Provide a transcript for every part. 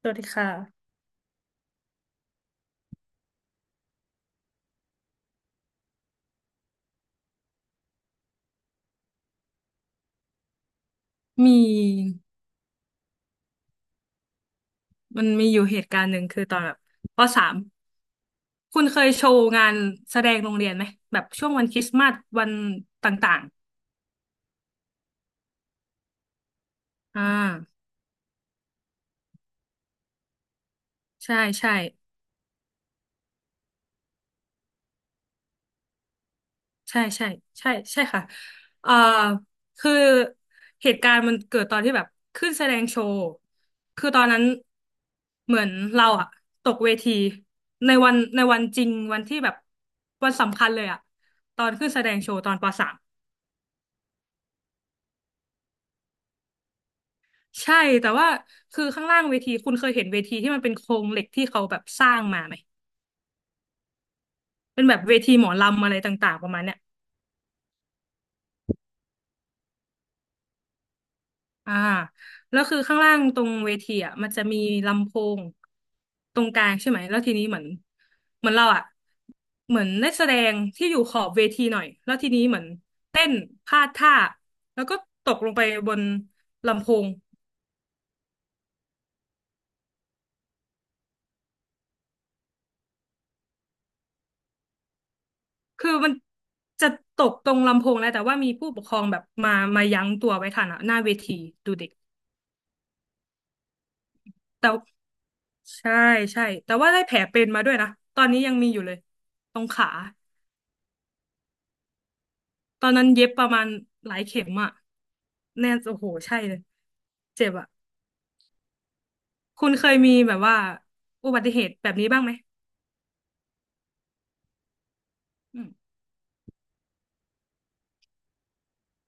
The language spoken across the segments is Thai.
สวัสดีค่ะมีมันมีอยู่เหตุการณ์หนึ่งคือตอนแบบปสามคุณเคยโชว์งานแสดงโรงเรียนไหมแบบช่วงวันคริสต์มาสวันต่างๆอ่าใช่ใช่ใช่ใช่ใช่ใช่ค่ะเอ่อคือเหตุการณ์มันเกิดตอนที่แบบขึ้นแสดงโชว์คือตอนนั้นเหมือนเราอะตกเวทีในวันจริงวันที่แบบวันสำคัญเลยอะตอนขึ้นแสดงโชว์ตอนปสาม ใช่แต่ว่าคือข้างล่างเวทีคุณเคยเห็นเวทีที่มันเป็นโครงเหล็กที่เขาแบบสร้างมาไหมเป็นแบบเวทีหมอลำอะไรต่างๆประมาณเนี้ยอ่าแล้วคือข้างล่างตรงเวทีอ่ะมันจะมีลำโพงตรงกลางใช่ไหมแล้วทีนี้เหมือนเราอ่ะเหมือนได้แสดงที่อยู่ขอบเวทีหน่อยแล้วทีนี้เหมือนเต้นพลาดท่าแล้วก็ตกลงไปบนลำโพงคือมันจะตกตรงลำโพงแล้วแต่ว่ามีผู้ปกครองแบบมายั้งตัวไว้ทันอะหน้าเวทีดูเด็ก แต่ใช่ใช่แต่ว่าได้แผลเป็นมาด้วยนะตอนนี้ยังมีอยู่เลยตรงขาตอนนั้นเย็บประมาณหลายเข็มอะแน่โอ้โหใช่เลยเจ็บอะคุณเคยมีแบบว่าอุบัติเหตุแบบนี้บ้างไหมอืม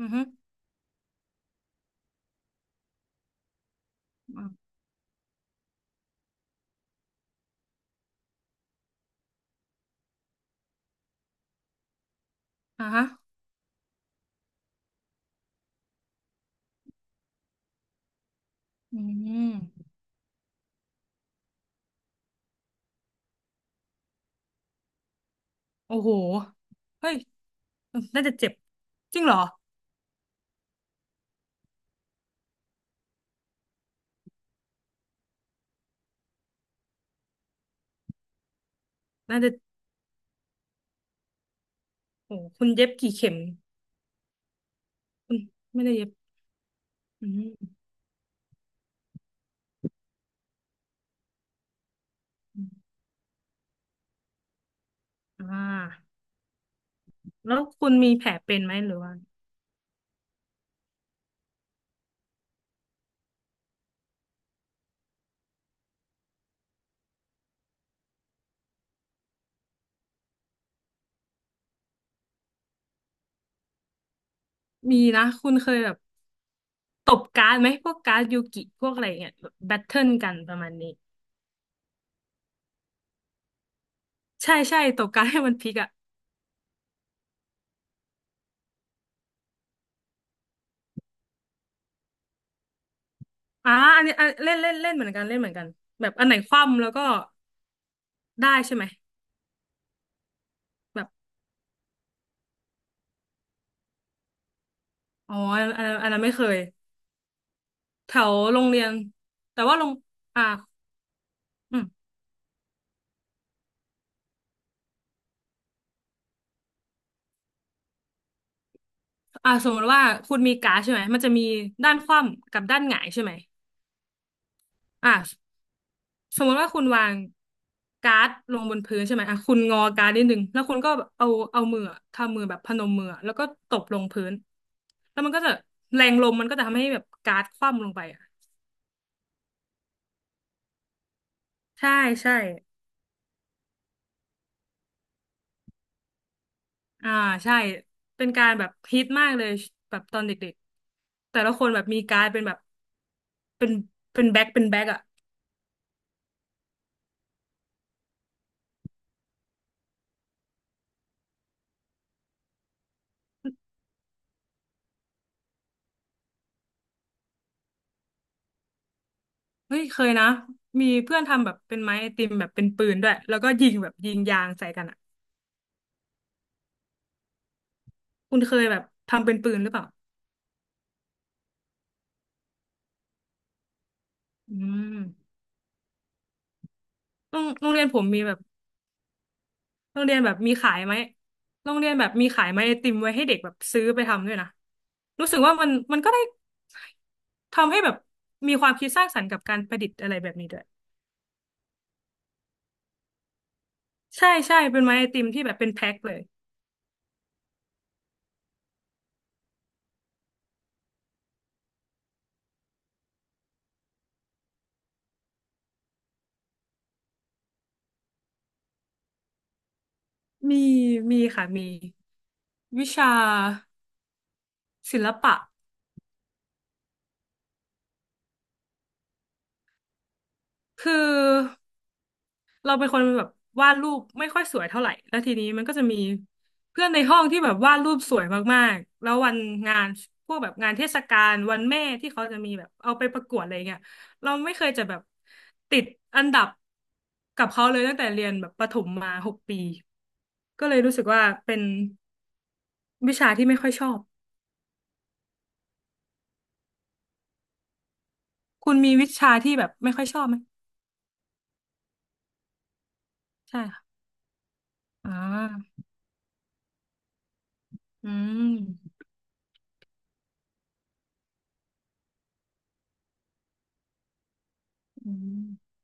อือฮึอ่าอ่าฮะอืมโอ้โหเฮ้ยน่าจะเจ็บจริงเหรอน่าจะโอ้คุณเย็บกี่เข็มคุณไม่ได้เย็บอืมอมอ่าแล้วคุณมีแผลเป็นไหมหรือว่ามีนะคุณเคยแบบ ตบการ์ดไหมพวกการ์ดยูกิพวกอะไรเงี้ยแบบแบทเทิลกันประมาณนี้ใช่ใช่ตบการ์ดให้มันพลิกอ่ะอ่าอันนี้อันเล่นเล่นเล่นเหมือนกันเล่นเหมือนกันแบบอันไหนคว่ำแล้วก็ได้ใช่ไหมแบบอ๋ออันนั้นไม่เคยแถวโรงเรียนแต่ว่าโรงอ่าอืมอ่าสมมติว่าคุณมีการ์ดใช่ไหมมันจะมีด้านคว่ำกับด้านหงายใช่ไหมอ่า สมมติว่าคุณวางการ์ดลงบนพื้นใช่ไหมอ่ะคุณงอการ์ดนิดนึงแล้วคุณก็เอามืออะทำมือแบบพนมมืออะแล้วก็ตบลงพื้นแล้วมันก็จะแรงลมมันก็จะทำให้แบบการ์ดคว่ำลงไปอ่ะใช่ใช่อ่าใช่เป็นการแบบฮิตมากเลยแบบตอนเด็กๆแต่ละคนแบบมีการ์ดเป็นแบบเป็นเป็นแบ็คอ่ะเฮ้ยเคยนะมีเพื่อนทำแบบเป็นไม้ไอติมแบบเป็นปืนด้วยแล้วก็ยิงแบบยิงยางใส่กันอ่ะคุณเคยแบบทำเป็นปืนหรือเปล่าอืม โรงเรียนผมมีแบบโรงเรียนแบบมีขายไหมโรงเรียนแบบมีขายไหมไอติมไว้ให้เด็กแบบซื้อไปทำด้วยนะรู้สึกว่ามันก็ได้ทำให้แบบมีความคิดสร้างสรรค์กับการประดิษฐ์อะไรแบบนี้ด้วยใช่ใช่เป็นไม้ไอติมที่แบบเป็นแพ็คเลยมีมีค่ะมีวิชาศิลปะคือ เราเป็นคนแบบวาดรูปไม่ค่อยสวยเท่าไหร่แล้วทีนี้มันก็จะมีเพื่อนในห้องที่แบบวาดรูปสวยมากๆแล้ววันงานพวกแบบงานเทศกาลวันแม่ที่เขาจะมีแบบเอาไปประกวดอะไรเงี้ยเราไม่เคยจะแบบติดอันดับกับเขาเลยตั้งแต่เรียนแบบประถมมาหกปีก็เลยรู้สึกว่าเป็นวิชาที่ไม่ค่อยชอบคุณมีวิชาที่แบบไม่ค่อยชอบไหมใช่ค่ะอ่าอืมอืม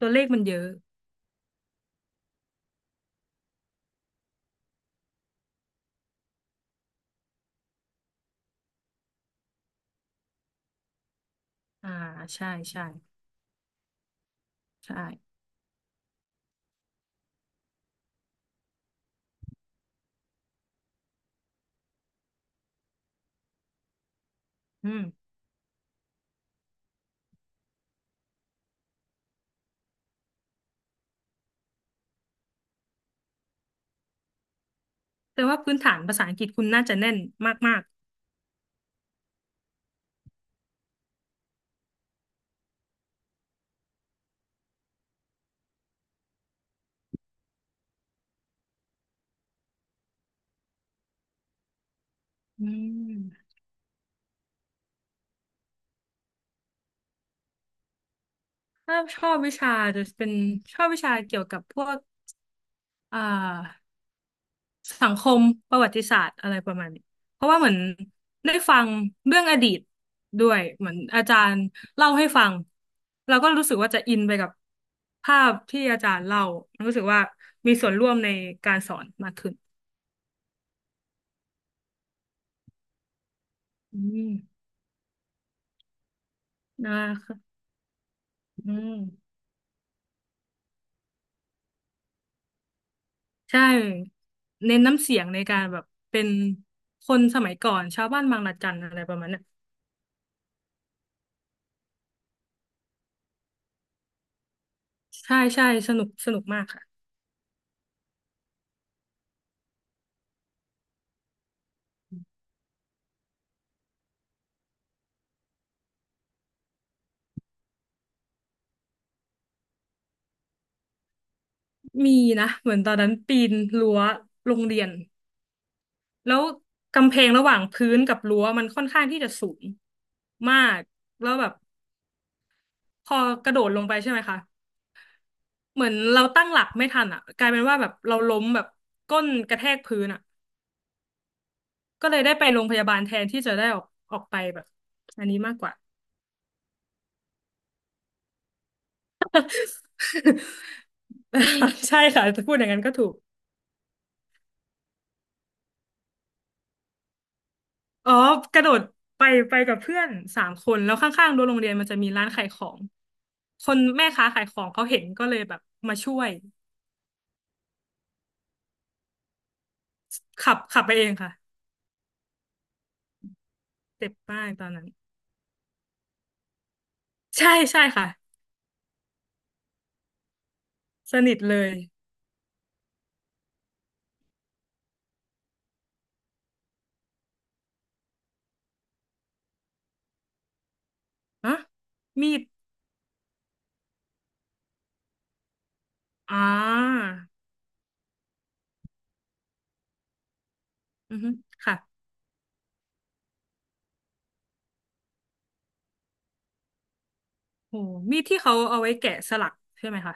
ตัวเลขมันเยอะอ่าใช่ใช่ ใช่อืมแต่ว่าพื้นฐานภาษาอังกฤษคุณน่าจะแน่นมากๆอืมถ้าชอบวิชาจะเป็นชอบวิชาเกี่ยวกับพวกอ่าสังคมประวัติศาสตร์อะไรประมาณนี้ เพราะว่าเหมือนได้ฟังเรื่องอดีตด้วยเหมือนอาจารย์เล่าให้ฟังเราก็รู้สึกว่าจะอินไปกับภาพที่อาจารย์เล่ารู้สึกว่ามีส่วนร่วมในการสอนมากขึ้นอืมนะคะอืม ใช่เน้นน้ำเสียงในการแบบเป็นคนสมัยก่อนชาวบ้านบางระจันอะไรประมาณเนี้ยใช่ใช่สนุกสนุกมากค่ะมีนะเหมือนตอนนั้นปีนรั้วโรงเรียนแล้วกำแพงระหว่างพื้นกับรั้วมันค่อนข้างที่จะสูงมากแล้วแบบพอกระโดดลงไปใช่ไหมคะเหมือนเราตั้งหลักไม่ทันอ่ะกลายเป็นว่าแบบเราล้มแบบก้นกระแทกพื้นอ่ะก็เลยได้ไปโรงพยาบาลแทนที่จะได้ออกออกไปแบบอันนี้มากกว่า ใช่ค่ะพูดอย่างนั้นก็ถูกอ๋อกระโดดไปไปกับเพื่อนสามคนแล้วข้างๆรั้วโรงเรียนมันจะมีร้านขายของคนแม่ค้าขายของเขาเห็นก็เลยแบบมาช่วยขับไปเองค่ะเจ็บมากตอนนั้นใช่ใช่ค่ะสนิทเลยอะมีดอ่าอือฮึค่ะโหมีดที่เขาเอาไว้แกะสลักใช่ไหมคะ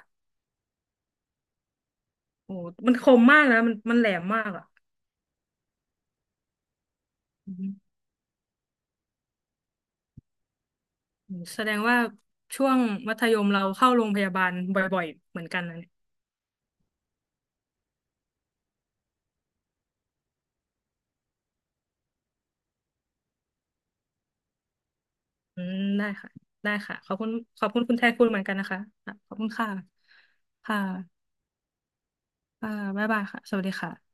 โหมันคมมากนะมันแหลมมากอ่ะ แสดงว่าช่วงมัธยมเราเข้าโรงพยาบาลบ่อยๆเหมือนกันนะเนี่ยอืมได้ค่ะได้ค่ะขอบคุณขอบคุณคุณแทนคุณเหมือนกันนะคะค่ะขอบคุณค่ะค่ะค่ะบ๊ายบายค่ะสวัสดีค่ะ